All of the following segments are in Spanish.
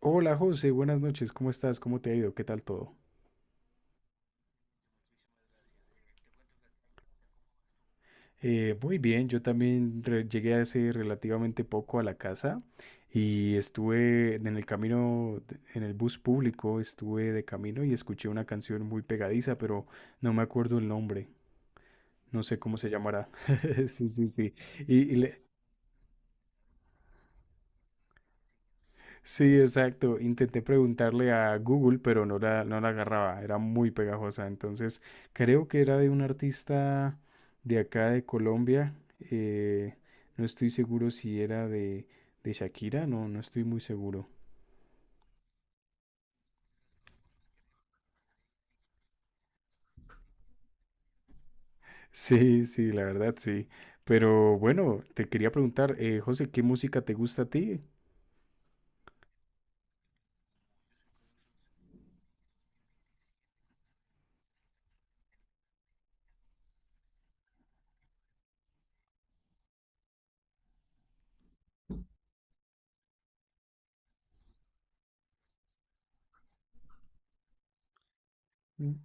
Hola José, buenas noches, ¿cómo estás? ¿Cómo te ha ido? ¿Qué tal todo? Muy bien, yo también llegué hace relativamente poco a la casa y estuve en el camino, en el bus público, estuve de camino y escuché una canción muy pegadiza, pero no me acuerdo el nombre, no sé cómo se llamará. Sí, sí, sí. Y, y le- Sí, exacto. Intenté preguntarle a Google, pero no la agarraba. Era muy pegajosa. Entonces, creo que era de un artista de acá de Colombia. eh, no estoy seguro si era de Shakira. No, no estoy muy seguro. Sí, sí, la verdad, sí. Pero bueno, te quería preguntar, José, ¿qué música te gusta a ti? Mm.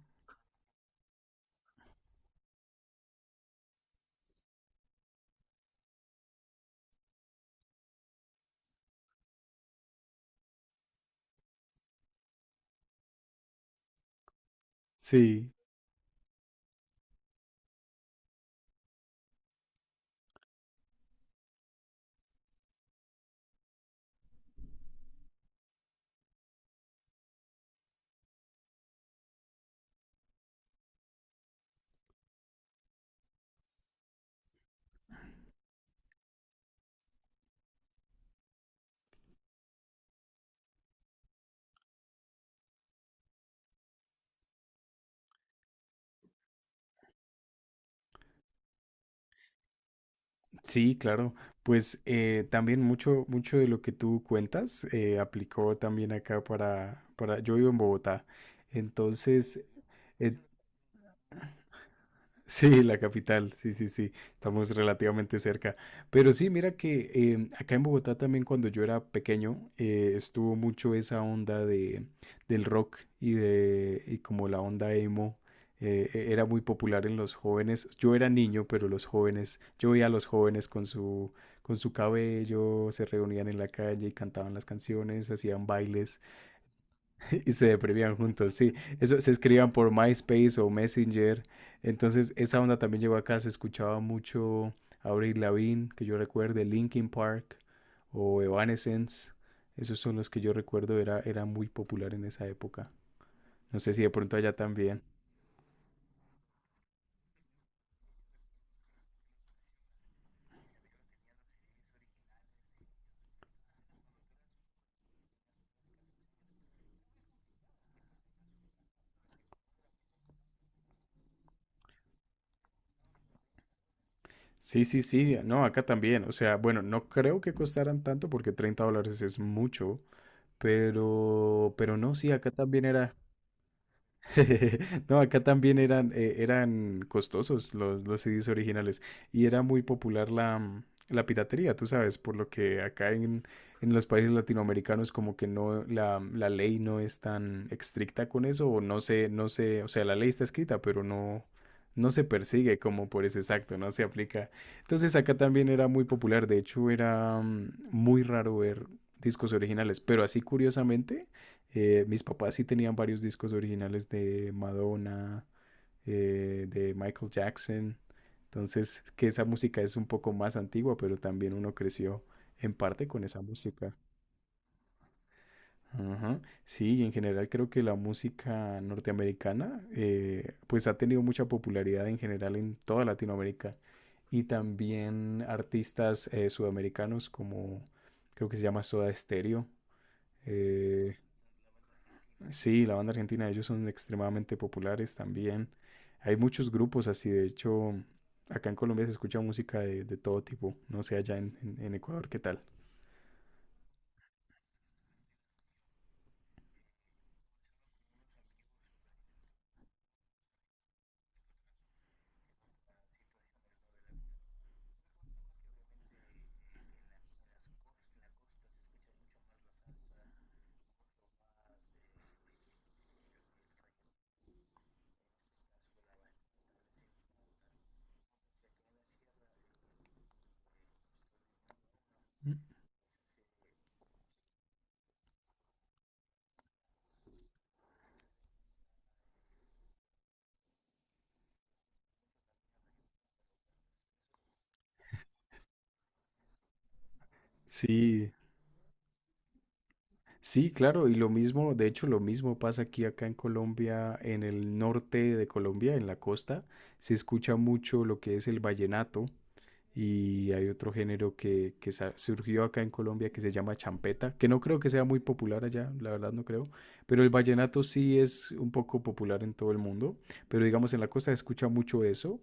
Sí, sí, claro. Pues también mucho de lo que tú cuentas aplicó también acá yo vivo en Bogotá, entonces eh, sí, la capital, sí, sí, sí, estamos relativamente cerca. Pero sí, mira que acá en Bogotá también cuando yo era pequeño estuvo mucho esa onda del rock y de y como la onda emo era muy popular en los jóvenes. Yo era niño, pero los jóvenes, yo veía a los jóvenes con su cabello, se reunían en la calle y cantaban las canciones, hacían bailes. Y se deprimían juntos, sí. Eso se escribían por MySpace o Messenger. Entonces, esa onda también llegó acá. Se escuchaba mucho Avril Lavigne, que yo recuerde, Linkin Park o Evanescence. Esos son los que yo recuerdo, era muy popular en esa época. No sé si de pronto allá también. Sí, sí, sí, no, acá también. O sea, bueno, no creo que costaran tanto porque 30 dólares es mucho, pero no, sí, acá también era, no, acá también eran, eran costosos los CDs originales y era muy popular la piratería, tú sabes, por lo que acá en los países latinoamericanos como que no, la ley no es tan estricta con eso o no se, o sea, la ley está escrita, pero no, no se persigue como por ese exacto, no se aplica. Entonces acá también era muy popular, de hecho era muy raro ver discos originales, pero así curiosamente mis papás sí tenían varios discos originales de Madonna, de Michael Jackson. Entonces, que esa música es un poco más antigua, pero también uno creció en parte con esa música. Ajá. Sí, y en general creo que la música norteamericana pues ha tenido mucha popularidad en general en toda Latinoamérica y también artistas sudamericanos como creo que se llama Soda Stereo, eh, sí, la banda argentina, ellos son extremadamente populares también. Hay muchos grupos así, de hecho, acá en Colombia se escucha música de todo tipo, no sé allá en Ecuador qué tal. Mm. Sí, sí, claro, y lo mismo, de hecho, lo mismo pasa aquí acá en Colombia, en el norte de Colombia, en la costa, se escucha mucho lo que es el vallenato. Y hay otro género que surgió acá en Colombia que se llama champeta, que no creo que sea muy popular allá, la verdad no creo, pero el vallenato sí es un poco popular en todo el mundo, pero digamos en la costa se escucha mucho eso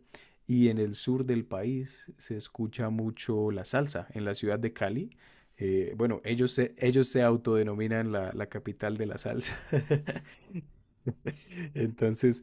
y en el sur del país se escucha mucho la salsa, en la ciudad de Cali. Bueno, ellos se autodenominan la capital de la salsa. Entonces,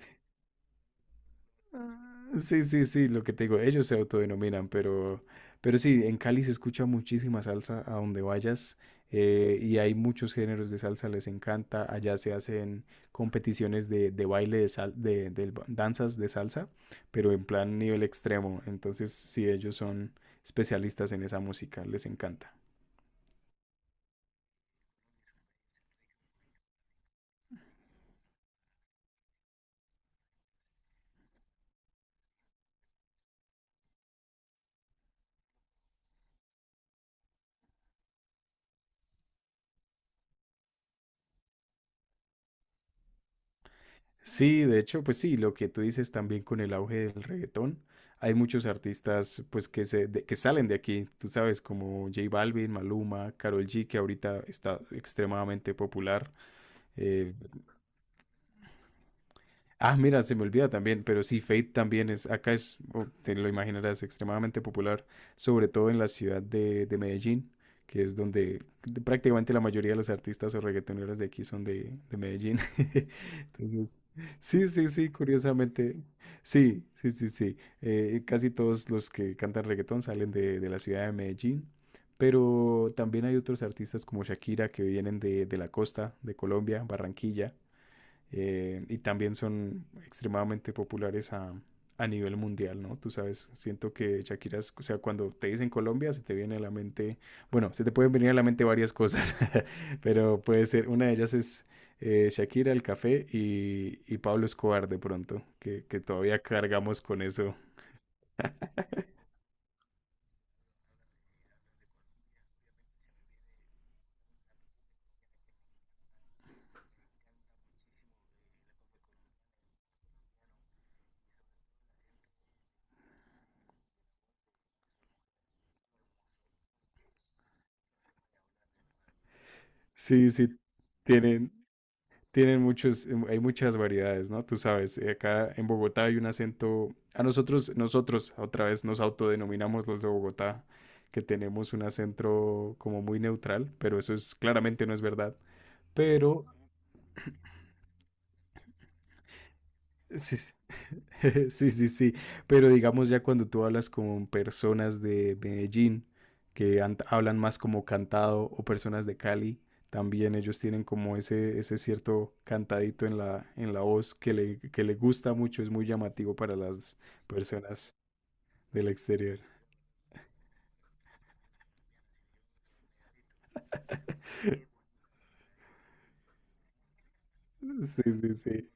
sí, sí, sí, lo que te digo, ellos se autodenominan, pero sí, en Cali se escucha muchísima salsa a donde vayas y hay muchos géneros de salsa, les encanta. Allá se hacen competiciones de baile, de, sal- de, del ba- danzas de salsa, pero en plan nivel extremo. Entonces, sí, ellos son especialistas en esa música, les encanta. Sí, de hecho, pues sí, lo que tú dices también con el auge del reggaetón, hay muchos artistas pues que que salen de aquí, tú sabes, como J Balvin, Maluma, Karol G, que ahorita está extremadamente popular, eh, ah, mira, se me olvida también, pero sí, Fate también es, acá es, oh, te lo imaginarás, extremadamente popular, sobre todo en la ciudad de Medellín, que es donde prácticamente la mayoría de los artistas o reggaetoneros de aquí son de Medellín. Entonces, sí, sí, sí, curiosamente, sí, sí, sí, sí. Casi todos los que cantan reggaetón salen de la ciudad de Medellín, pero también hay otros artistas como Shakira que vienen de la costa de Colombia, Barranquilla. Y también son extremadamente populares a nivel mundial, ¿no? Tú sabes, siento que o sea, cuando te dicen Colombia, se te viene a la mente, bueno, se te pueden venir a la mente varias cosas, pero puede ser, una de ellas es Shakira, el café y Pablo Escobar de pronto, que todavía cargamos con eso. Sí, sí, tienen, tienen muchos, hay muchas variedades, ¿no? Tú sabes, acá en Bogotá hay un acento, a nosotros, nosotros otra vez nos autodenominamos los de Bogotá, que tenemos un acento como muy neutral, pero eso es claramente no es verdad. Pero sí, sí. Sí, sí, sí, pero digamos ya cuando tú hablas con personas de Medellín que hablan más como cantado o personas de Cali, también ellos tienen como ese cierto cantadito en en la voz que que le gusta mucho, es muy llamativo para las personas del exterior. Sí, sí, sí.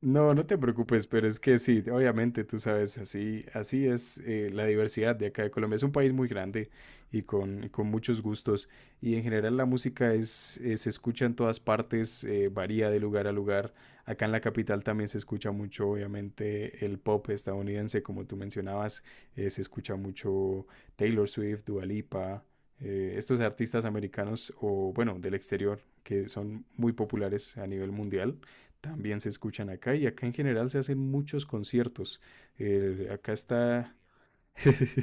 No, no te preocupes, pero es que sí, obviamente tú sabes, así, así es la diversidad de acá de Colombia. Es un país muy grande y y con muchos gustos. Y en general la música es, se escucha en todas partes, varía de lugar a lugar. Acá en la capital también se escucha mucho, obviamente, el pop estadounidense, como tú mencionabas. Se escucha mucho Taylor Swift, Dua Lipa, estos artistas americanos o, bueno, del exterior, que son muy populares a nivel mundial. También se escuchan acá y acá en general se hacen muchos conciertos. Acá está...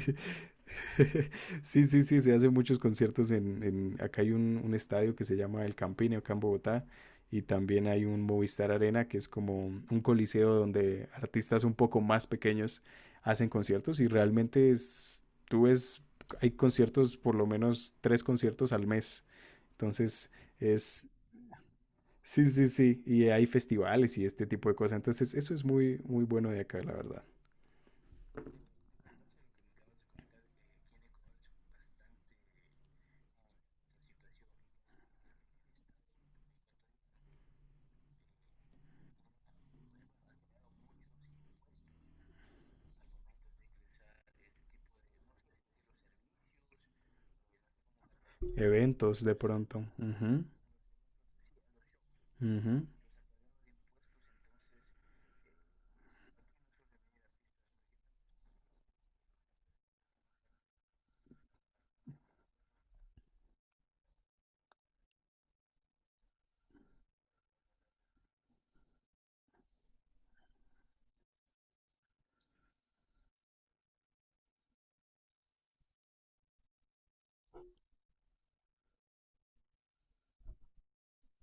Sí, sí, sí, se hacen muchos conciertos acá hay un estadio que se llama El Campín, acá en Bogotá, y también hay un Movistar Arena, que es como un coliseo donde artistas un poco más pequeños hacen conciertos y realmente es, tú ves, hay conciertos, por lo menos tres conciertos al mes. Entonces es, sí, sí, sí. Y hay festivales y este tipo de cosas. Entonces, eso es muy, muy bueno de acá, la verdad. Eventos de pronto. Ujú, ujú,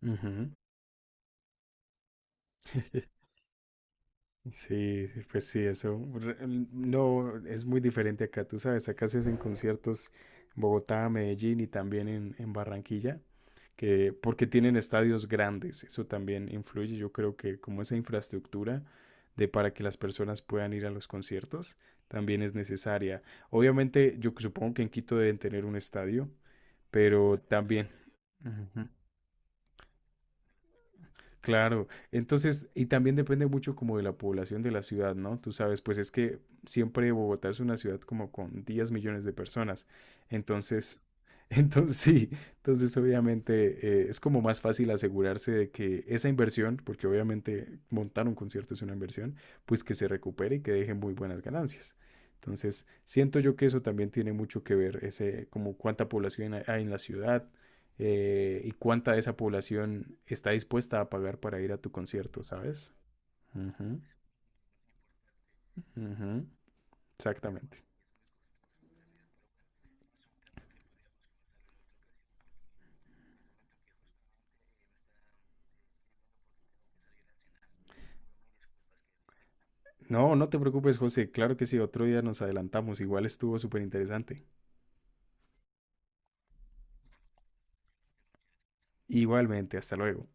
ujú. Sí, sí, pues sí, eso. No, es muy diferente acá. Tú sabes, acá se hacen conciertos en Bogotá, Medellín y también en Barranquilla. Que porque tienen estadios grandes, eso también influye, yo creo que como esa infraestructura de para que las personas puedan ir a los conciertos también es necesaria. Obviamente, yo supongo que en Quito deben tener un estadio, pero también. Claro, entonces, y también depende mucho como de la población de la ciudad, ¿no? Tú sabes, pues es que siempre Bogotá es una ciudad como con 10 millones de personas, entonces, entonces sí, entonces obviamente es como más fácil asegurarse de que esa inversión, porque obviamente montar un concierto es una inversión, pues que se recupere y que deje muy buenas ganancias. Entonces, siento yo que eso también tiene mucho que ver, ese, como cuánta población hay en la ciudad, y cuánta de esa población está dispuesta a pagar para ir a tu concierto, ¿sabes? Uh -huh, uh -huh, exactamente. No, no te preocupes, José. Claro que sí, otro día nos adelantamos. Igual estuvo súper interesante. Igualmente, hasta luego.